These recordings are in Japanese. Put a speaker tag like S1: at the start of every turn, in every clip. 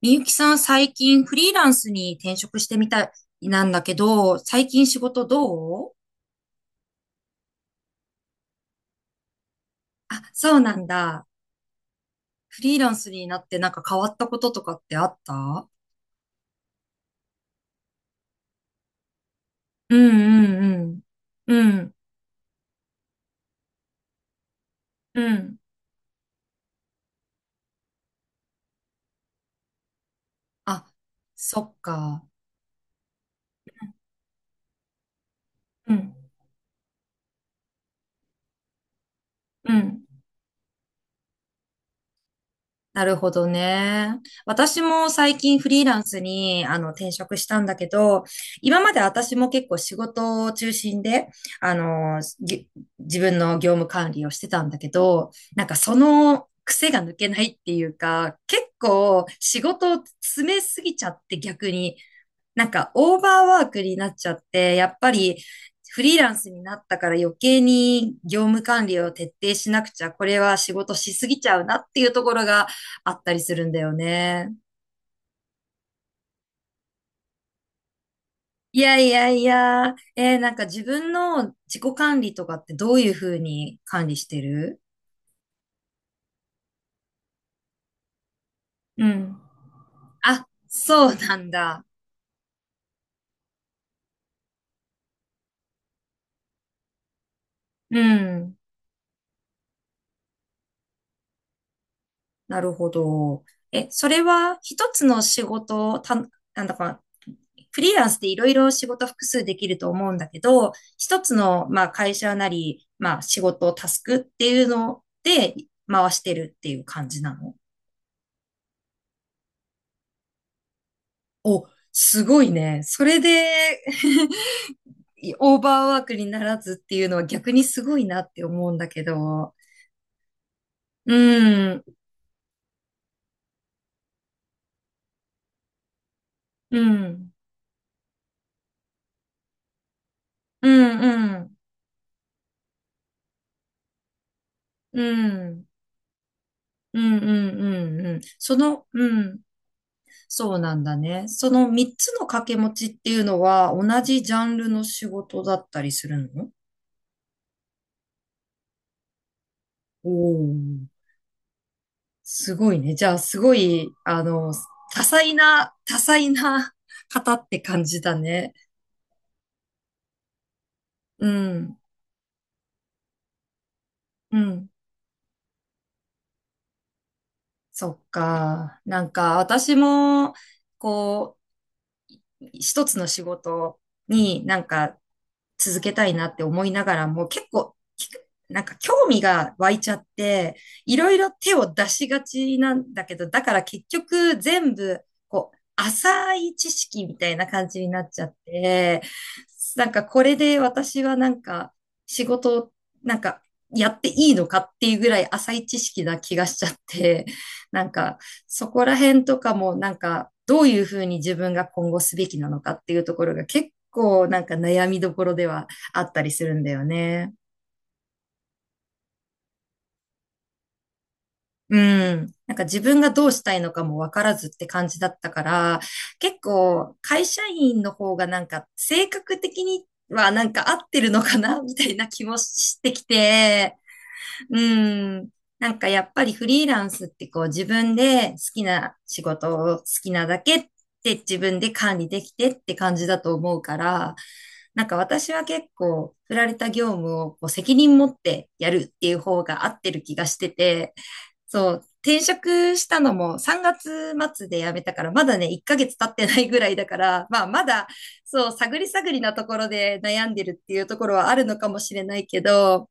S1: みゆきさん、最近フリーランスに転職してみたいなんだけど、最近仕事どう？あ、そうなんだ。フリーランスになってなんか変わったこととかってあった？うんうんうん。うん、うん。あ、そっか。うん、うん。なるほどね。私も最近フリーランスに転職したんだけど、今まで私も結構仕事を中心で、あの、ぎ自分の業務管理をしてたんだけど、なんかその癖が抜けないっていうか、結構仕事を詰めすぎちゃって逆になんかオーバーワークになっちゃって、やっぱりフリーランスになったから余計に業務管理を徹底しなくちゃ、これは仕事しすぎちゃうなっていうところがあったりするんだよね。いやいやいや、なんか自分の自己管理とかってどういうふうに管理してる？うん。あ、そうなんだ。うん。なるほど。え、それは一つの仕事をなんだか、フリーランスでいろいろ仕事複数できると思うんだけど、一つの、まあ、会社なり、まあ、仕事、タスクっていうので回してるっていう感じなの？お、すごいね。それで オーバーワークにならずっていうのは逆にすごいなって思うんだけど。うん、うん、うん、うん、うん、うん、うん、うん、うん。その、うん。そうなんだね。その3つの掛け持ちっていうのは同じジャンルの仕事だったりするの？おおー、すごいね。じゃあ、すごい、多彩な、多彩な方って感じだね。うん、うん。そっか。なんか、私も、こう、一つの仕事になんか続けたいなって思いながらも結構きなんか興味が湧いちゃって、いろいろ手を出しがちなんだけど、だから結局全部こう浅い知識みたいな感じになっちゃって、なんかこれで私はなんか仕事をなんかやっていいのかっていうぐらい浅い知識な気がしちゃって、なんかそこら辺とかもなんかどういうふうに自分が今後すべきなのかっていうところが結構なんか悩みどころではあったりするんだよね。うん。なんか自分がどうしたいのかもわからずって感じだったから、結構会社員の方がなんか性格的にはなんか合ってるのかなみたいな気もしてきて、うん。なんかやっぱりフリーランスってこう自分で好きな仕事を好きなだけって自分で管理できてって感じだと思うから、なんか私は結構振られた業務をこう責任持ってやるっていう方が合ってる気がしてて、そう、転職したのも3月末で辞めたから、まだね、1ヶ月経ってないぐらいだから、まあまだ、そう、探り探りなところで悩んでるっていうところはあるのかもしれないけど、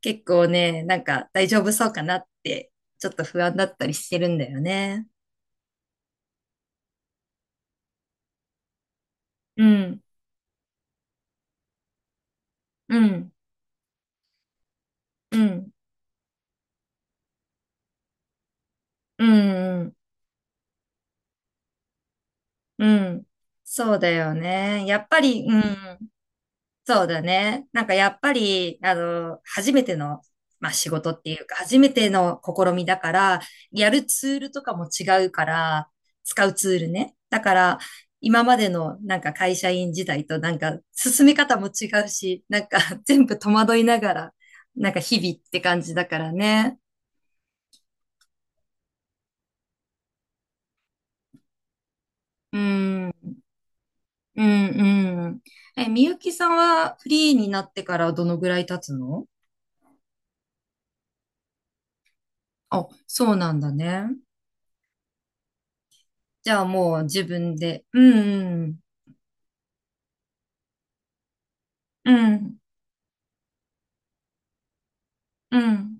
S1: 結構ね、なんか大丈夫そうかなって、ちょっと不安だったりしてるんだよね。うん、うん、うん、うん、うん、うんそうだよね。やっぱり、うん。そうだね。なんかやっぱり、初めての、まあ仕事っていうか、初めての試みだから、やるツールとかも違うから、使うツールね。だから、今までのなんか会社員時代となんか進め方も違うし、なんか 全部戸惑いながら、なんか日々って感じだからね。うん、うん、うん。え、みゆきさんはフリーになってからどのぐらい経つの？あ、そうなんだね。じゃあもう自分で。うん、うん、うん、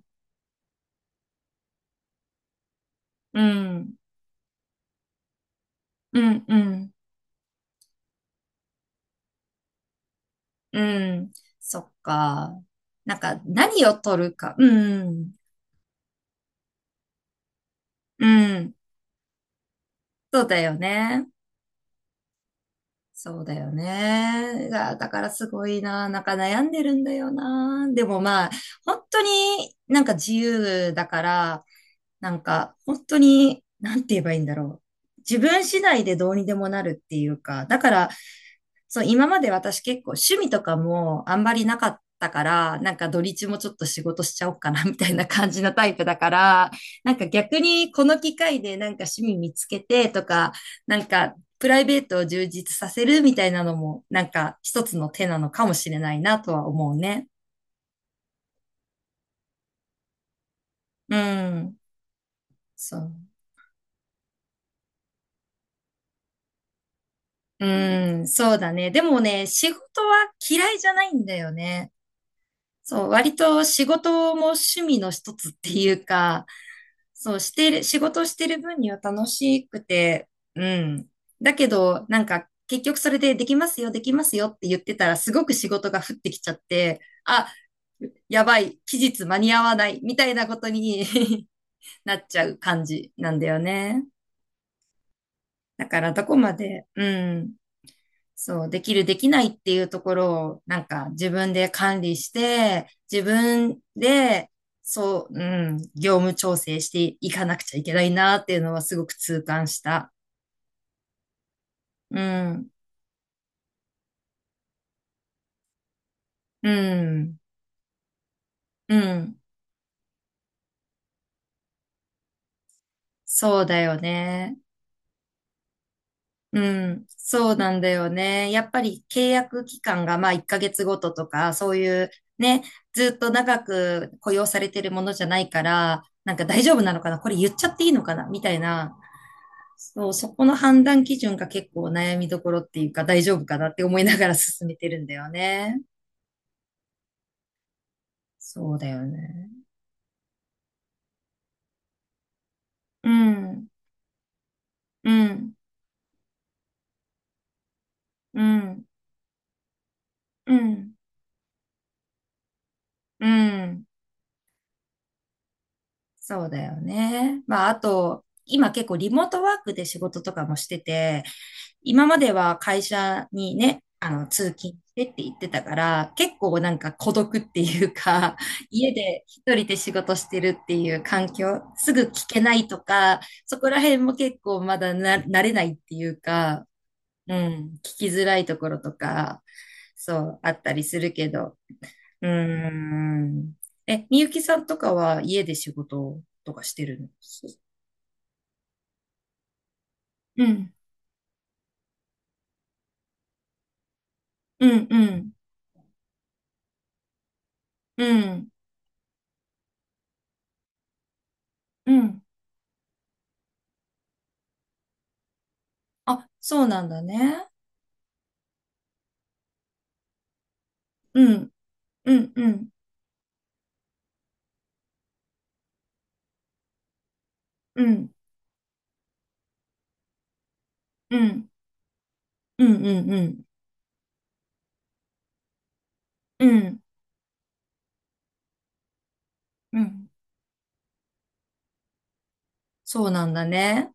S1: うん、うん、うん、うん。そっか。なんか何を取るか。うん、うん。そうだよね。そうだよね。だからすごいな。なんか悩んでるんだよな。でもまあ、本当になんか自由だから、なんか、本当に、なんて言えばいいんだろう。自分次第でどうにでもなるっていうか、だから、そう、今まで私結構趣味とかもあんまりなかったから、なんか土日もちょっと仕事しちゃおうかな みたいな感じのタイプだから、なんか逆にこの機会でなんか趣味見つけてとか、なんかプライベートを充実させるみたいなのも、なんか一つの手なのかもしれないなとは思うね。うん。そう。うん、そうだね。でもね、仕事は嫌いじゃないんだよね。そう、割と仕事も趣味の一つっていうか、そう、してる、仕事してる分には楽しくて、うん。だけど、なんか、結局それでできますよ、できますよって言ってたら、すごく仕事が降ってきちゃって、あ、やばい、期日間に合わない、みたいなことに なっちゃう感じなんだよね。だから、どこまで、うん。そう、できる、できないっていうところを、なんか自分で管理して、自分で、そう、うん、業務調整していかなくちゃいけないなっていうのはすごく痛感した。うん、うん、うん、そうだよね。うん、そうなんだよね。やっぱり契約期間がまあ1ヶ月ごととか、そういうね、ずっと長く雇用されてるものじゃないから、なんか大丈夫なのかなこれ言っちゃっていいのかなみたいな。そう、そこの判断基準が結構悩みどころっていうか大丈夫かなって思いながら 進めてるんだよね。そうだよね。うん、うん、うん、うん、うん。そうだよね。まあ、あと、今結構リモートワークで仕事とかもしてて、今までは会社にね、通勤してって言ってたから、結構なんか孤独っていうか、家で一人で仕事してるっていう環境、すぐ聞けないとか、そこら辺も結構まだな、慣れないっていうか、うん、聞きづらいところとか、そう、あったりするけど、うーん。え、みゆきさんとかは家で仕事とかしてるの？うん、うん、うん、うん、うん。あ、そうなんだね。うん、うん、うん、うん、うん、うん、うん、うん、うん、うん。そうなんだね。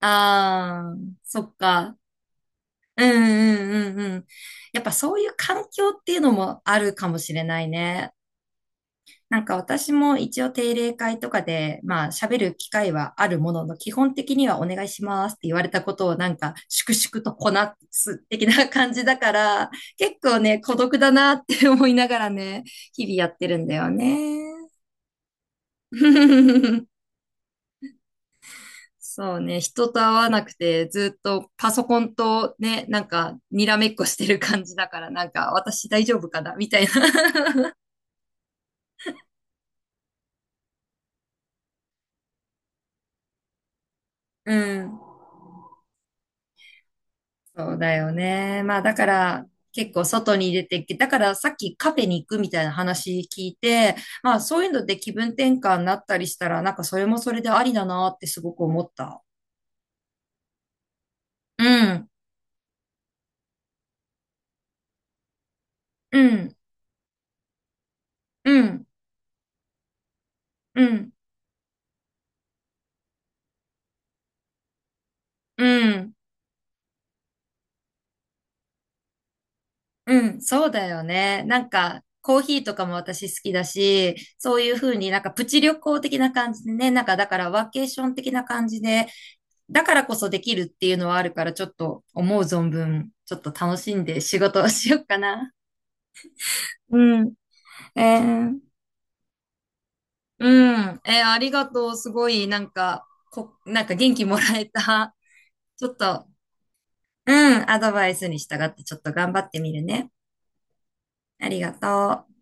S1: ああ、そっか。うん、うん、うん、うん。やっぱそういう環境っていうのもあるかもしれないね。なんか私も一応定例会とかで、まあ喋る機会はあるものの、基本的にはお願いしますって言われたことをなんか粛々とこなす的な感じだから、結構ね、孤独だなって思いながらね、日々やってるんだよね。そうね、人と会わなくてずっとパソコンとね、なんかにらめっこしてる感じだから、なんか私大丈夫かなみたいな。うん。そうだよね。まあだから結構外に出て、だからさっきカフェに行くみたいな話聞いて、まあそういうので気分転換になったりしたら、なんかそれもそれでありだなってすごく思った。うん、うん、うん、うん、うん。うん、そうだよね。なんか、コーヒーとかも私好きだし、そういうふうになんかプチ旅行的な感じでね、なんかだからワーケーション的な感じで、だからこそできるっていうのはあるから、ちょっと思う存分、ちょっと楽しんで仕事をしようかな。うん。えー、うん。えー、ありがとう。すごい、なんか、なんか元気もらえた。ちょっと、うん、アドバイスに従ってちょっと頑張ってみるね。ありがとう。